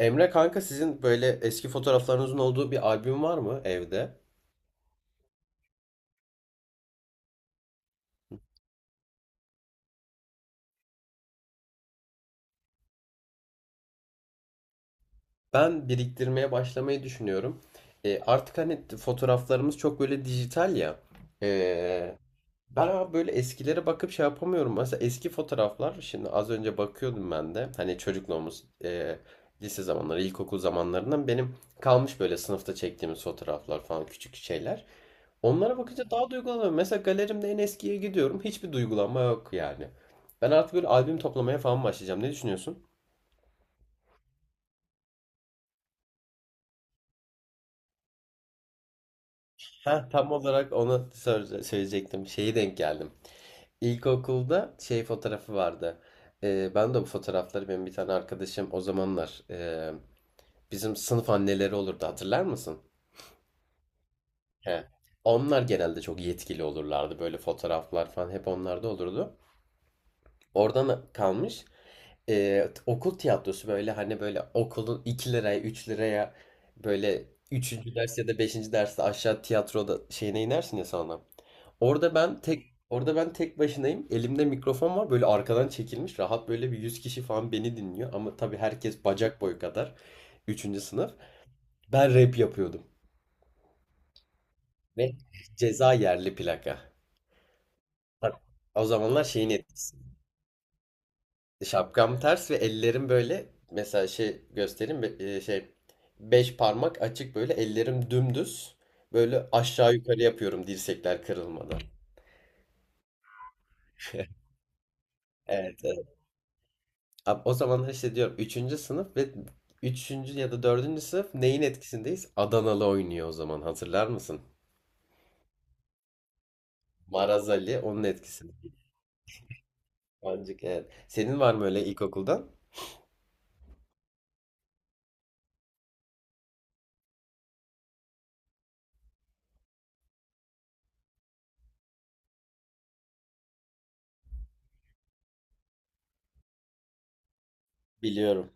Emre kanka sizin böyle eski fotoğraflarınızın olduğu bir albüm var mı evde? Ben biriktirmeye başlamayı düşünüyorum. Artık hani fotoğraflarımız çok böyle dijital ya. E, ben ama böyle eskilere bakıp şey yapamıyorum. Mesela eski fotoğraflar şimdi az önce bakıyordum ben de. Hani çocukluğumuz lise zamanları, ilkokul zamanlarından benim kalmış böyle sınıfta çektiğimiz fotoğraflar falan küçük şeyler. Onlara bakınca daha duygulanıyorum. Mesela galerimde en eskiye gidiyorum. Hiçbir duygulanma yok yani. Ben artık böyle albüm toplamaya falan başlayacağım. Ne düşünüyorsun? Ha tam olarak onu söyleyecektim. Şeyi denk geldim. İlkokulda şey fotoğrafı vardı. Ben de bu fotoğrafları benim bir tane arkadaşım o zamanlar bizim sınıf anneleri olurdu hatırlar mısın? He. Onlar genelde çok yetkili olurlardı. Böyle fotoğraflar falan hep onlarda olurdu. Oradan kalmış. Okul tiyatrosu böyle hani böyle okulun 2 liraya 3 liraya böyle üçüncü ders ya da beşinci derste aşağı tiyatroda şeyine inersin ya sonra. Orada ben tek başınayım. Elimde mikrofon var böyle arkadan çekilmiş rahat böyle bir 100 kişi falan beni dinliyor ama tabii herkes bacak boyu kadar üçüncü sınıf. Ben rap yapıyordum ve ceza yerli plaka. Bak, o zamanlar şeyin etkisi. Şapkam ters ve ellerim böyle mesela şey göstereyim beş parmak açık böyle ellerim dümdüz böyle aşağı yukarı yapıyorum dirsekler kırılmadan. Evet, evet. O zamanlar işte diyorum üçüncü sınıf ve üçüncü ya da dördüncü sınıf neyin etkisindeyiz? Adanalı oynuyor o zaman hatırlar mısın? Maraz Ali onun etkisinde. Pancık evet. Senin var mı öyle ilkokuldan? Biliyorum.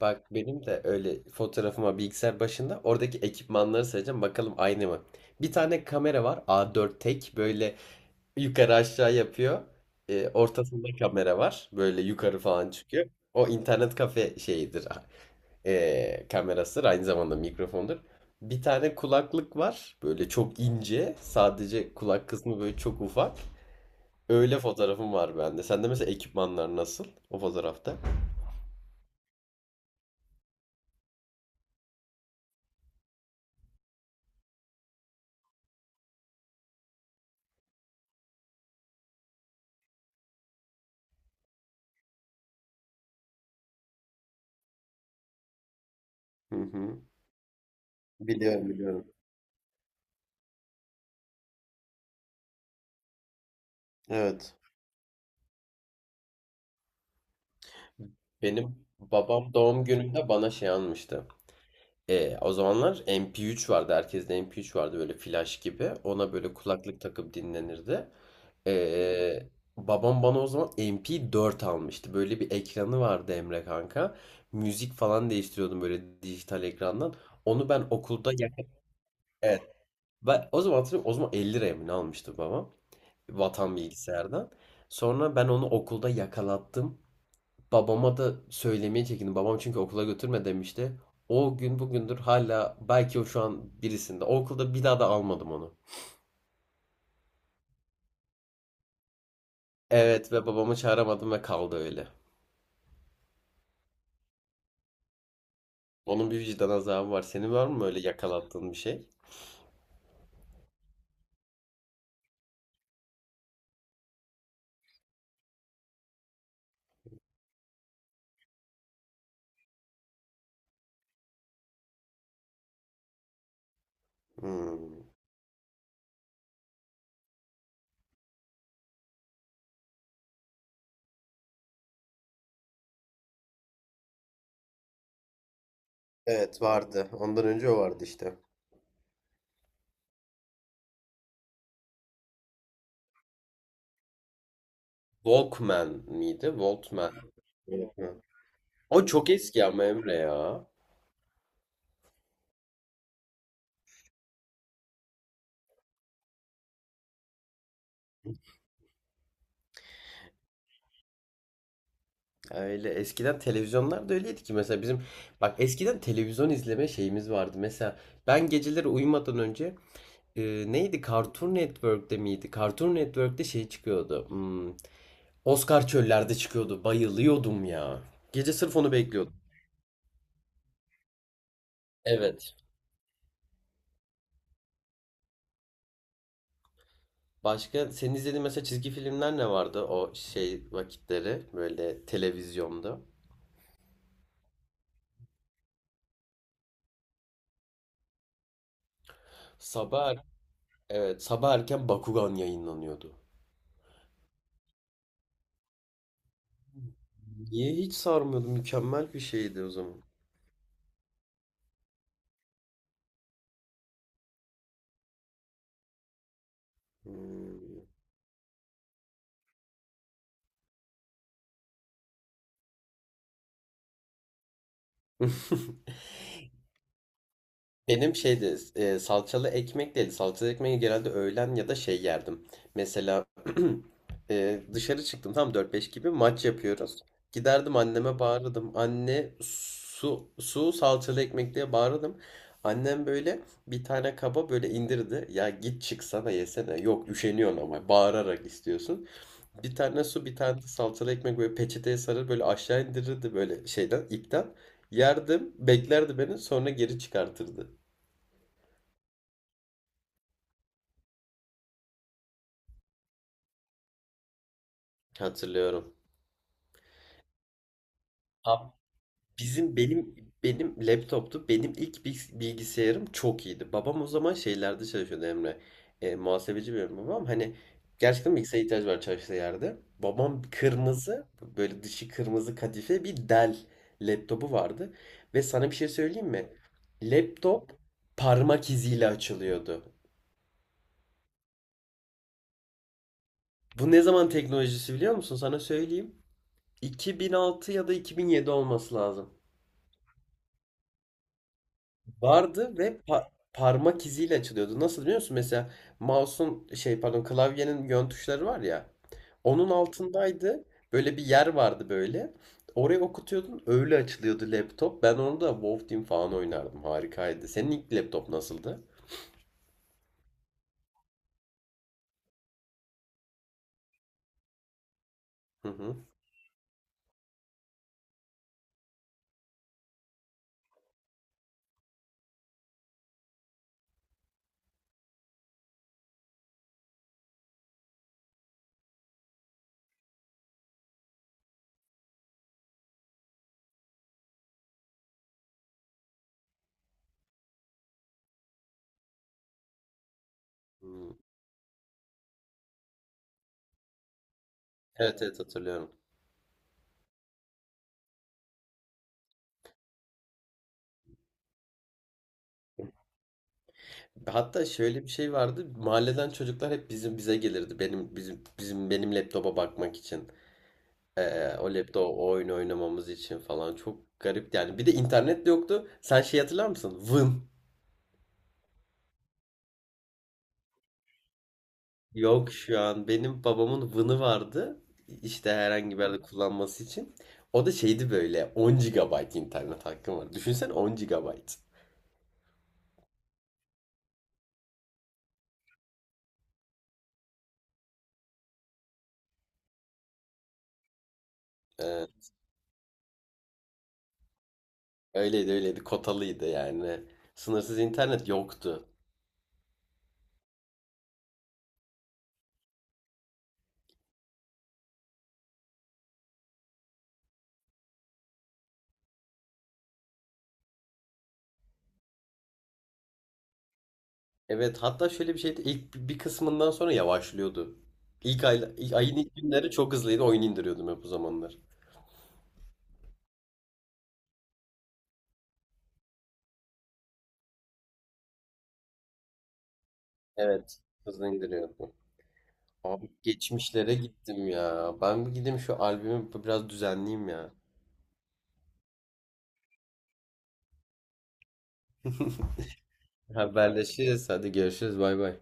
Bak benim de öyle fotoğrafıma bilgisayar başında oradaki ekipmanları sayacağım bakalım aynı mı? Bir tane kamera var A4 tek böyle yukarı aşağı yapıyor. Ortasında kamera var böyle yukarı falan çıkıyor. O internet kafe şeyidir kamerasıdır aynı zamanda mikrofondur. Bir tane kulaklık var böyle çok ince sadece kulak kısmı böyle çok ufak. Öyle fotoğrafım var bende. Sende mesela ekipmanlar nasıl o fotoğrafta? Hı hı. Biliyorum, biliyorum. Evet. Benim babam doğum gününde bana şey almıştı. O zamanlar MP3 vardı. Herkeste MP3 vardı böyle flash gibi. Ona böyle kulaklık takıp dinlenirdi. E, babam bana o zaman MP4 almıştı. Böyle bir ekranı vardı Emre kanka. Müzik falan değiştiriyordum böyle dijital ekrandan. Onu ben okulda. Evet. Ben o zaman hatırlıyorum. O zaman 50 liraya mı ne almıştı babam? Vatan bilgisayardan. Sonra ben onu okulda yakalattım. Babama da söylemeye çekindim. Babam çünkü okula götürme demişti. O gün bugündür hala belki o şu an birisinde. O okulda bir daha da almadım onu. Evet ve babamı çağıramadım ve kaldı öyle. Onun bir vicdan azabı var. Senin var mı öyle yakalattığın bir şey? Hmm. Evet, vardı. Ondan önce o vardı işte. Walkman miydi? Walkman. Walkman. O çok eski ama Emre ya. Öyle eskiden televizyonlar da öyleydi ki mesela bizim bak eskiden televizyon izleme şeyimiz vardı. Mesela ben geceleri uyumadan önce e, neydi Cartoon Network'te miydi? Cartoon Network'te şey çıkıyordu. Oscar Çöller'de çıkıyordu. Bayılıyordum ya. Gece sırf onu bekliyordum. Evet. Başka senin izlediğin mesela çizgi filmler ne vardı o şey vakitleri böyle televizyonda? Sabah er- evet, sabah erken Bakugan yayınlanıyordu. Niye hiç sarmıyordu? Mükemmel bir şeydi o zaman. Hmm. Benim şeydi salçalı ekmek değildi. Salçalı ekmeği genelde öğlen ya da şey yerdim. Mesela dışarı çıktım tam 4-5 gibi maç yapıyoruz. Giderdim anneme bağırırdım. Anne su su salçalı ekmek diye bağırırdım. Annem böyle bir tane kaba böyle indirdi. Ya git çıksana yesene. Yok üşeniyorsun ama bağırarak istiyorsun. Bir tane su, bir tane de salçalı ekmek böyle peçeteye sarır böyle aşağı indirirdi böyle şeyden ipten. Yerdim, beklerdi beni sonra geri çıkartırdı. Hatırlıyorum. Bizim benim benim laptoptu. Benim ilk bilgisayarım çok iyiydi. Babam o zaman şeylerde çalışıyordu Emre. Muhasebeci benim babam. Hani gerçekten bilgisayara ihtiyacı var çalıştığı yerde. Babam kırmızı böyle dışı kırmızı kadife bir Dell laptopu vardı. Ve sana bir şey söyleyeyim mi? Laptop parmak iziyle açılıyordu. Bu ne zaman teknolojisi biliyor musun? Sana söyleyeyim. 2006 ya da 2007 olması lazım. Vardı ve parmak iziyle açılıyordu. Nasıl biliyor musun? Mesela mouse'un şey pardon klavyenin yön tuşları var ya. Onun altındaydı. Böyle bir yer vardı böyle. Oraya okutuyordun öyle açılıyordu laptop. Ben onu da WoW Team falan oynardım. Harikaydı. Senin ilk laptop nasıldı? Hı hı. Hmm. Evet, evet, hatırlıyorum. Hatta şöyle bir şey vardı. Mahalleden çocuklar hep bizim bize gelirdi. Benim bizim bizim benim laptopa bakmak için. O laptop o oyun oynamamız için falan çok garip yani. Bir de internet de yoktu. Sen şey hatırlar mısın? Vın. Yok şu an benim babamın Vın'ı vardı. İşte herhangi bir yerde kullanması için. O da şeydi böyle 10 gigabayt internet hakkım var. Düşünsene 10 gigabayt. Ee, öyleydi, kotalıydı yani. Sınırsız internet yoktu. Evet, hatta şöyle bir şeydi ilk bir kısmından sonra yavaşlıyordu. İlk ayın ilk günleri çok hızlıydı oyun indiriyordum hep o zamanlar. Evet, hızlı indiriyordum. Abi geçmişlere gittim ya. Ben bir gideyim şu albümü biraz düzenleyeyim ya. Haberleşiriz. Hadi görüşürüz. Bay bay.